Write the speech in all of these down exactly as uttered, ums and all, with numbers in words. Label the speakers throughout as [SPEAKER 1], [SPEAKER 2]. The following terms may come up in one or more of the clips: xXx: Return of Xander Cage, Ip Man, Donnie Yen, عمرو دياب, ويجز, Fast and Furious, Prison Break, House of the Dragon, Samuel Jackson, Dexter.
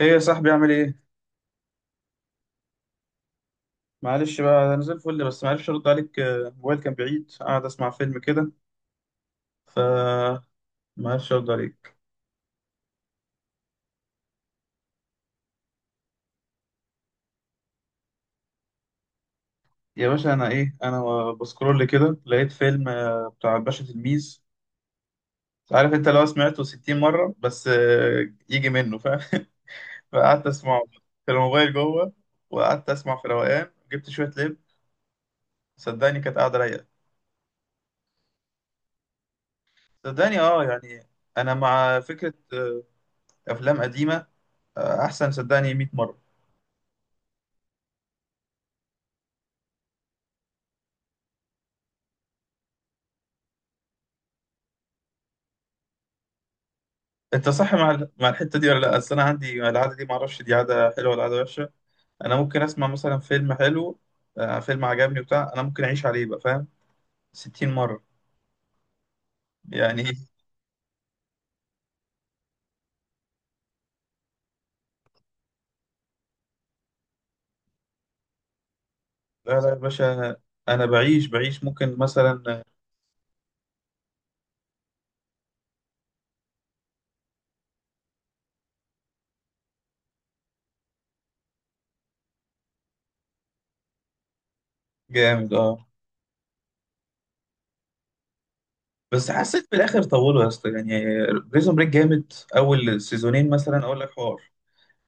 [SPEAKER 1] ايه يا صاحبي؟ اعمل ايه؟ معلش بقى، انا زي الفل، بس معرفش ارد عليك. آه، الموبايل كان بعيد، قاعد اسمع فيلم كده. ف معرفش ارد عليك. يا باشا، انا ايه انا بسكرول كده، لقيت فيلم آه، بتاع الباشا تلميذ. عارف انت لو سمعته 60 مره بس، آه، يجي منه، فاهم؟ فقعدت اسمعه في الموبايل جوه، وقعدت اسمع في روقان، جبت شويه لب. صدقني كانت قاعده رايقه. صدقني اه يعني، انا مع فكره آه، افلام قديمه. آه، احسن صدقني 100 مره. انت صح مع ال- مع الحته دي ولا لا؟ اصل انا عندي العاده دي، ما اعرفش دي عاده حلوه ولا عاده وحشه. انا ممكن اسمع مثلا فيلم حلو، آه، فيلم عجبني وبتاع، انا ممكن اعيش عليه بقى، فاهم؟ 60 مره يعني. لا لا يا باشا، انا بعيش بعيش ممكن مثلا. جامد اه. بس حسيت في الاخر طولوا يا اسطى يعني. بريزون بريك جامد، اول سيزونين مثلا اقول لك حوار.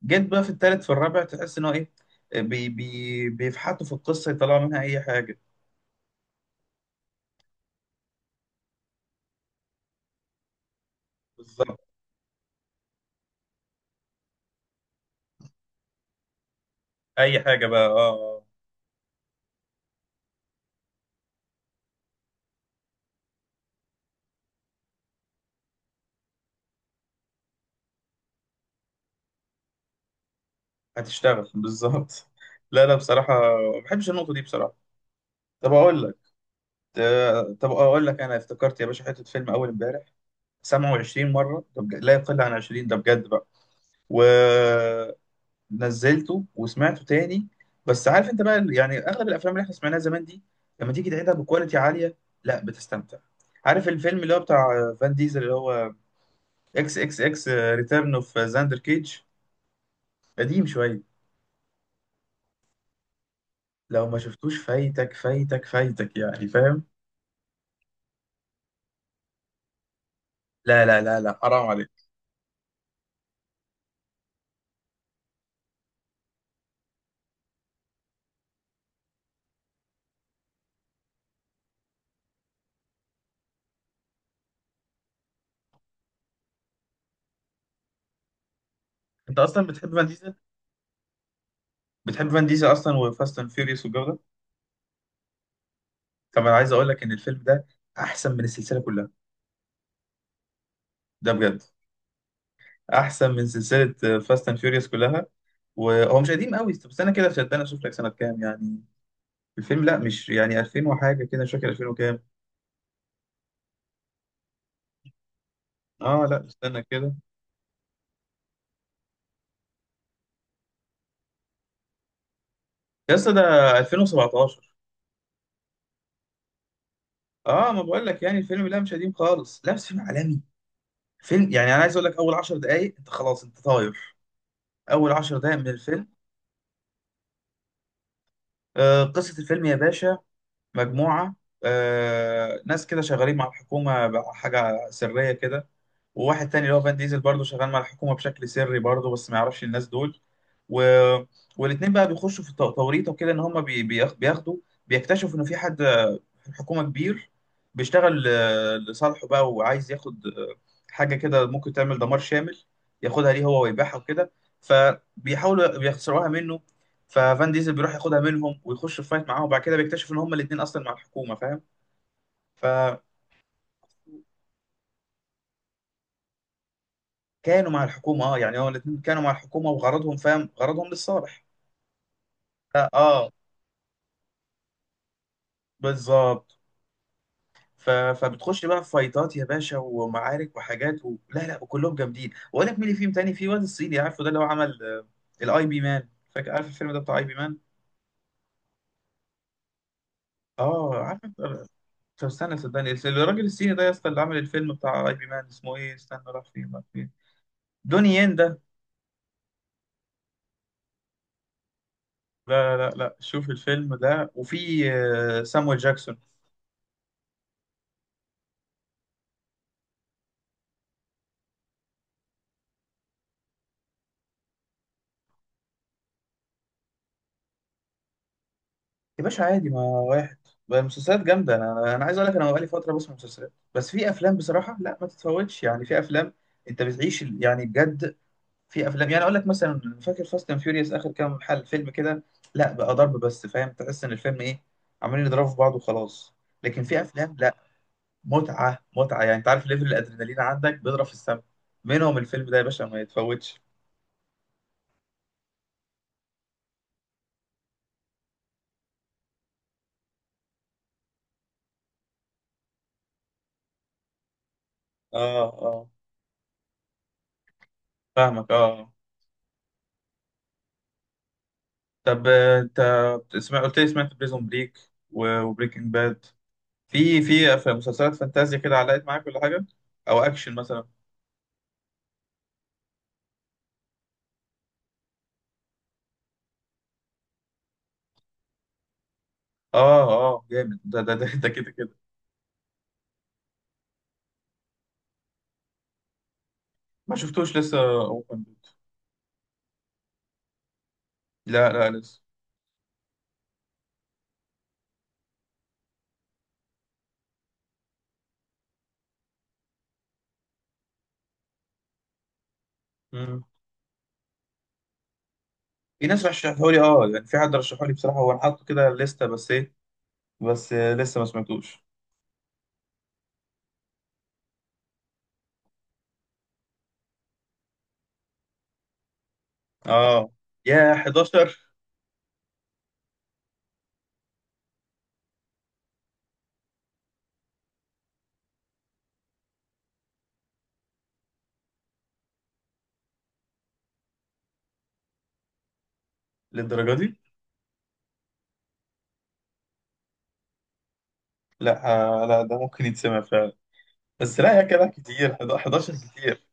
[SPEAKER 1] جيت بقى في التالت في الرابع، تحس ان هو ايه، بي بي بيفحطوا في القصه، يطلعوا منها اي حاجه. بالظبط. اي حاجه بقى، اه آه. هتشتغل بالظبط. لا لا بصراحة، ما بحبش النقطة دي بصراحة. طب أقول لك. آه، طب أقول لك، أنا افتكرت يا باشا حتة فيلم أول إمبارح، سمعه 20 مرة، ده بج- لا يقل عن عشرين، ده بجد بقى. ونزلته وسمعته تاني. بس عارف أنت بقى، يعني أغلب الأفلام اللي إحنا سمعناها زمان دي، لما تيجي تعيدها بكواليتي عالية، لا بتستمتع. عارف الفيلم اللي هو بتاع فان ديزل اللي هو اكس اكس اكس ريتيرن اوف زاندر كيج؟ قديم شوية، لو ما شفتوش فايتك فايتك فايتك يعني، فاهم؟ لا لا لا لا، حرام عليك. انت اصلا بتحب فان ديزل؟ بتحب فان ديزل اصلا، وفاست اند فيوريوس والجو ده. طب انا عايز اقول لك ان الفيلم ده احسن من السلسله كلها. ده بجد احسن من سلسله فاست اند فيوريوس كلها. وهو مش قديم قوي، طب استنى كده شدان اشوف لك سنه كام يعني الفيلم. لا مش يعني ألفين وحاجه كده، مش فاكر ألفين وكام. اه لا استنى كده. يا اسطى ده ألفين وسبعة عشر. اه، ما بقول لك يعني الفيلم لا مش قديم خالص، لا بس فيلم عالمي. فيلم يعني، انا عايز اقول لك، اول 10 دقائق انت خلاص، انت طاير. اول 10 دقائق من الفيلم. آه، قصة الفيلم يا باشا، مجموعة آه، ناس كده شغالين مع الحكومة بحاجة سرية كده. وواحد تاني اللي هو فان ديزل برضه شغال مع الحكومة بشكل سري برضه، بس ما يعرفش الناس دول. و... والاتنين بقى بيخشوا في تو- توريطة كده، إن هما بي... بياخ- بياخدوا. بيكتشفوا إن في حد الحكومة كبير بيشتغل آه، لصالحه بقى، وعايز ياخد آه، حاجة كده ممكن تعمل دمار شامل، ياخدها ليه هو ويبيعها وكده. فبيحاولوا بيخسروها منه. ففان ديزل بيروح ياخدها منهم، ويخش في فايت معاهم، وبعد كده بيكتشف ان هما الاتنين اصلا مع الحكومة، فاهم؟ فكانوا مع الحكومة، اه يعني هو الاتنين كانوا مع الحكومة، وغرضهم فاهم، غرضهم للصالح. اه بالظبط. ف... فبتخش بقى في فايتات يا باشا ومعارك وحاجات و... لا لا، وكلهم جامدين. واقول لك مين اللي فيهم تاني، في واد الصيني عارفه، ده اللي هو عمل آه، الاي بي مان. فاكر عارف الفيلم ده بتاع اي بي مان؟ اه عارف أنت- طب استنى صدقني، الراجل الصيني ده يا اسطى، اللي عمل الفيلم بتاع اي بي مان اسمه ايه، استنى راح فين راح فين، دوني ين ده. لا لا لا لا، شوف الفيلم ده، وفي آه، سامويل جاكسون. يا باشا عادي، ما واحد بقى المسلسلات جامدة. أنا أنا عايز أقول لك، أنا بقالي فترة بسمع مسلسلات، بس في أفلام بصراحة، لا ما تتفوتش يعني. في أفلام أنت بتعيش ال- يعني بجد. في أفلام يعني أقول لك مثلا، فاكر فاست أند فيوريوس آخر كام حل فيلم كده؟ لا بقى ضرب بس، فاهم؟ تحس إن الفيلم إيه، عمالين يضربوا في بعض وخلاص. لكن في أفلام لا، متعة متعة يعني. أنت عارف ليفل الأدرينالين عندك بيضرب في السما. منهم الفيلم ده يا باشا، ما يتفوتش. آه آه. فاهمك آه. طب آه، انت بتسمع، قلت لي سمعت بريزون بريك وبريكنج باد. في في أف- مسلسلات فانتازيا كده علقت معاك ولا حاجه؟ او اكشن مثلا. اه اه جامد، ده ده ده, ده كده كده. ما شفتوش لسه. اوبن. لا لا لسه. مم. في ناس رشحوا لي، اه يعني في حد رشحوا لي بصراحه، هو انا حاطه كده لسته، بس ايه، بس آه، لسه ما سمعتوش. اه يا أحد عشر. للدرجه دي؟ لا. آه، لا ده ممكن يتسمع فعلا، بس لا يا كده كتير، حداشر كتير.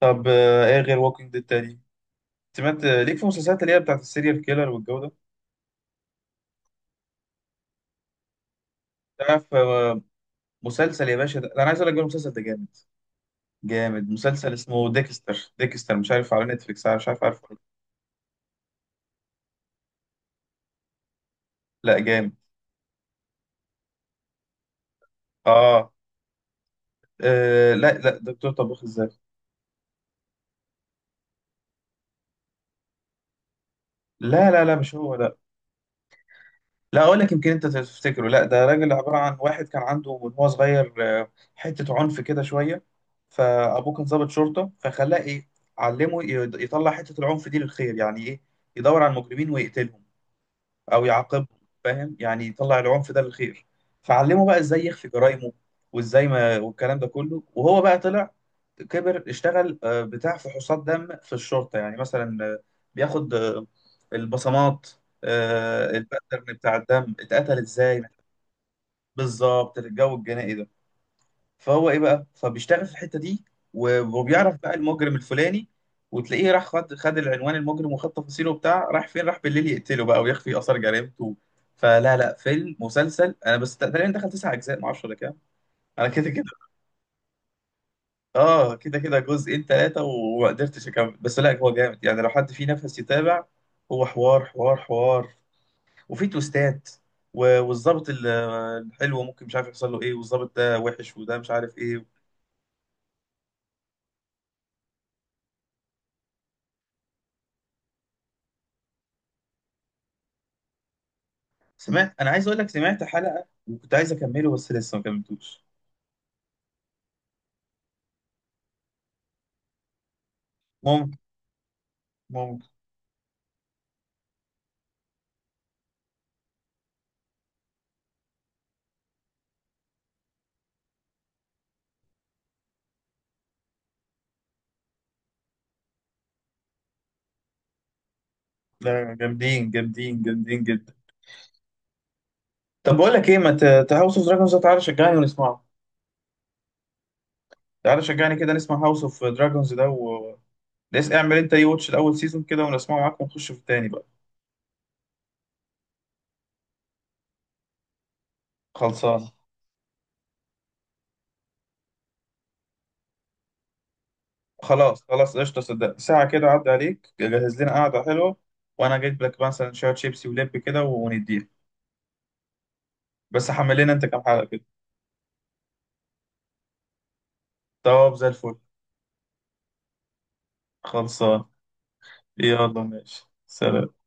[SPEAKER 1] طب آه، ايه غير ووكينج ديد تاني سمعت ليك في المسلسلات اللي هي بتاعت السيريال كيلر والجو ده؟ تعرف آه، مسلسل يا باشا، ده ده انا عايز اقول لك بقى، المسلسل ده جامد. جامد، مسلسل اسمه ديكستر. ديكستر مش عارف على نتفليكس، مش عارف عارفه ولا. لا لا، جامد. اه. آه، لا لا دكتور طباخ الذات. لا لا لا مش هو، لا. لا اقول لك، يمكن انت تفتكره، لا ده راجل عباره عن واحد كان عنده من هو صغير آه، حته عنف كده شويه. فابوه كان ضابط شرطه، فخلاه ايه، علمه يد- يطلع حته العنف دي للخير، يعني ايه، يدور على المجرمين ويقتلهم او يعاقبه، فاهم؟ يعني يطلع العنف ده للخير. فعلمه بقى ازاي يخفي جرايمه وازاي ما والكلام ده كله. وهو بقى طلع كبر، اشتغل آه، بتاع فحوصات دم في الشرطة، يعني مثلا آه، بياخد آه، البصمات، آه، الباترن بتاع الدم اتقتل ازاي. بالظبط الجو الجنائي ده. فهو ايه بقى، فبيشتغل في الحته دي، و- وبيعرف بقى المجرم الفلاني، وتلاقيه راح خد خد العنوان المجرم، وخد تفاصيله وبتاع، راح فين راح بالليل يقتله بقى، ويخفي اثار جريمته. فلا لا فيلم، مسلسل، انا بس تقريبا دخل تسع اجزاء ما اعرفش ولا كام. انا كده كده. اه كده كده جزئين ثلاثه وما قدرتش اكمل. بس لا هو جامد يعني، لو حد فيه نفس يتابع، هو حوار حوار حوار. وفي تويستات و- والظابط ال- الحلو ممكن مش عارف يحصل له ايه، والظابط ده وحش، وده مش عارف ايه. سمعت، انا عايز اقول لك سمعت حلقة وكنت عايز اكمله بس لسه ما كملتوش. ممكن، ممكن. لا جامدين جامدين جامدين جدا. طب بقول لك ايه، ما ت... هاوس اوف دراجونز ده تعالى شجعني ونسمعه. تعالى شجعني كده نسمع هاوس اوف دراجونز ده و لسه اعمل انت اي واتش الاول سيزون كده، ونسمعه معاك، ونخش في التاني بقى. خلصان. خلاص خلاص قشطه، صدق ساعه كده عدى عليك، جهز لنا قعده حلوه. وانا جايب لك مثلا شويه شيبسي ولب كده، ونديها. بس حمل لنا انت كام حلقه كده. طب زي الفل. خلصان. يلا ماشي سلام.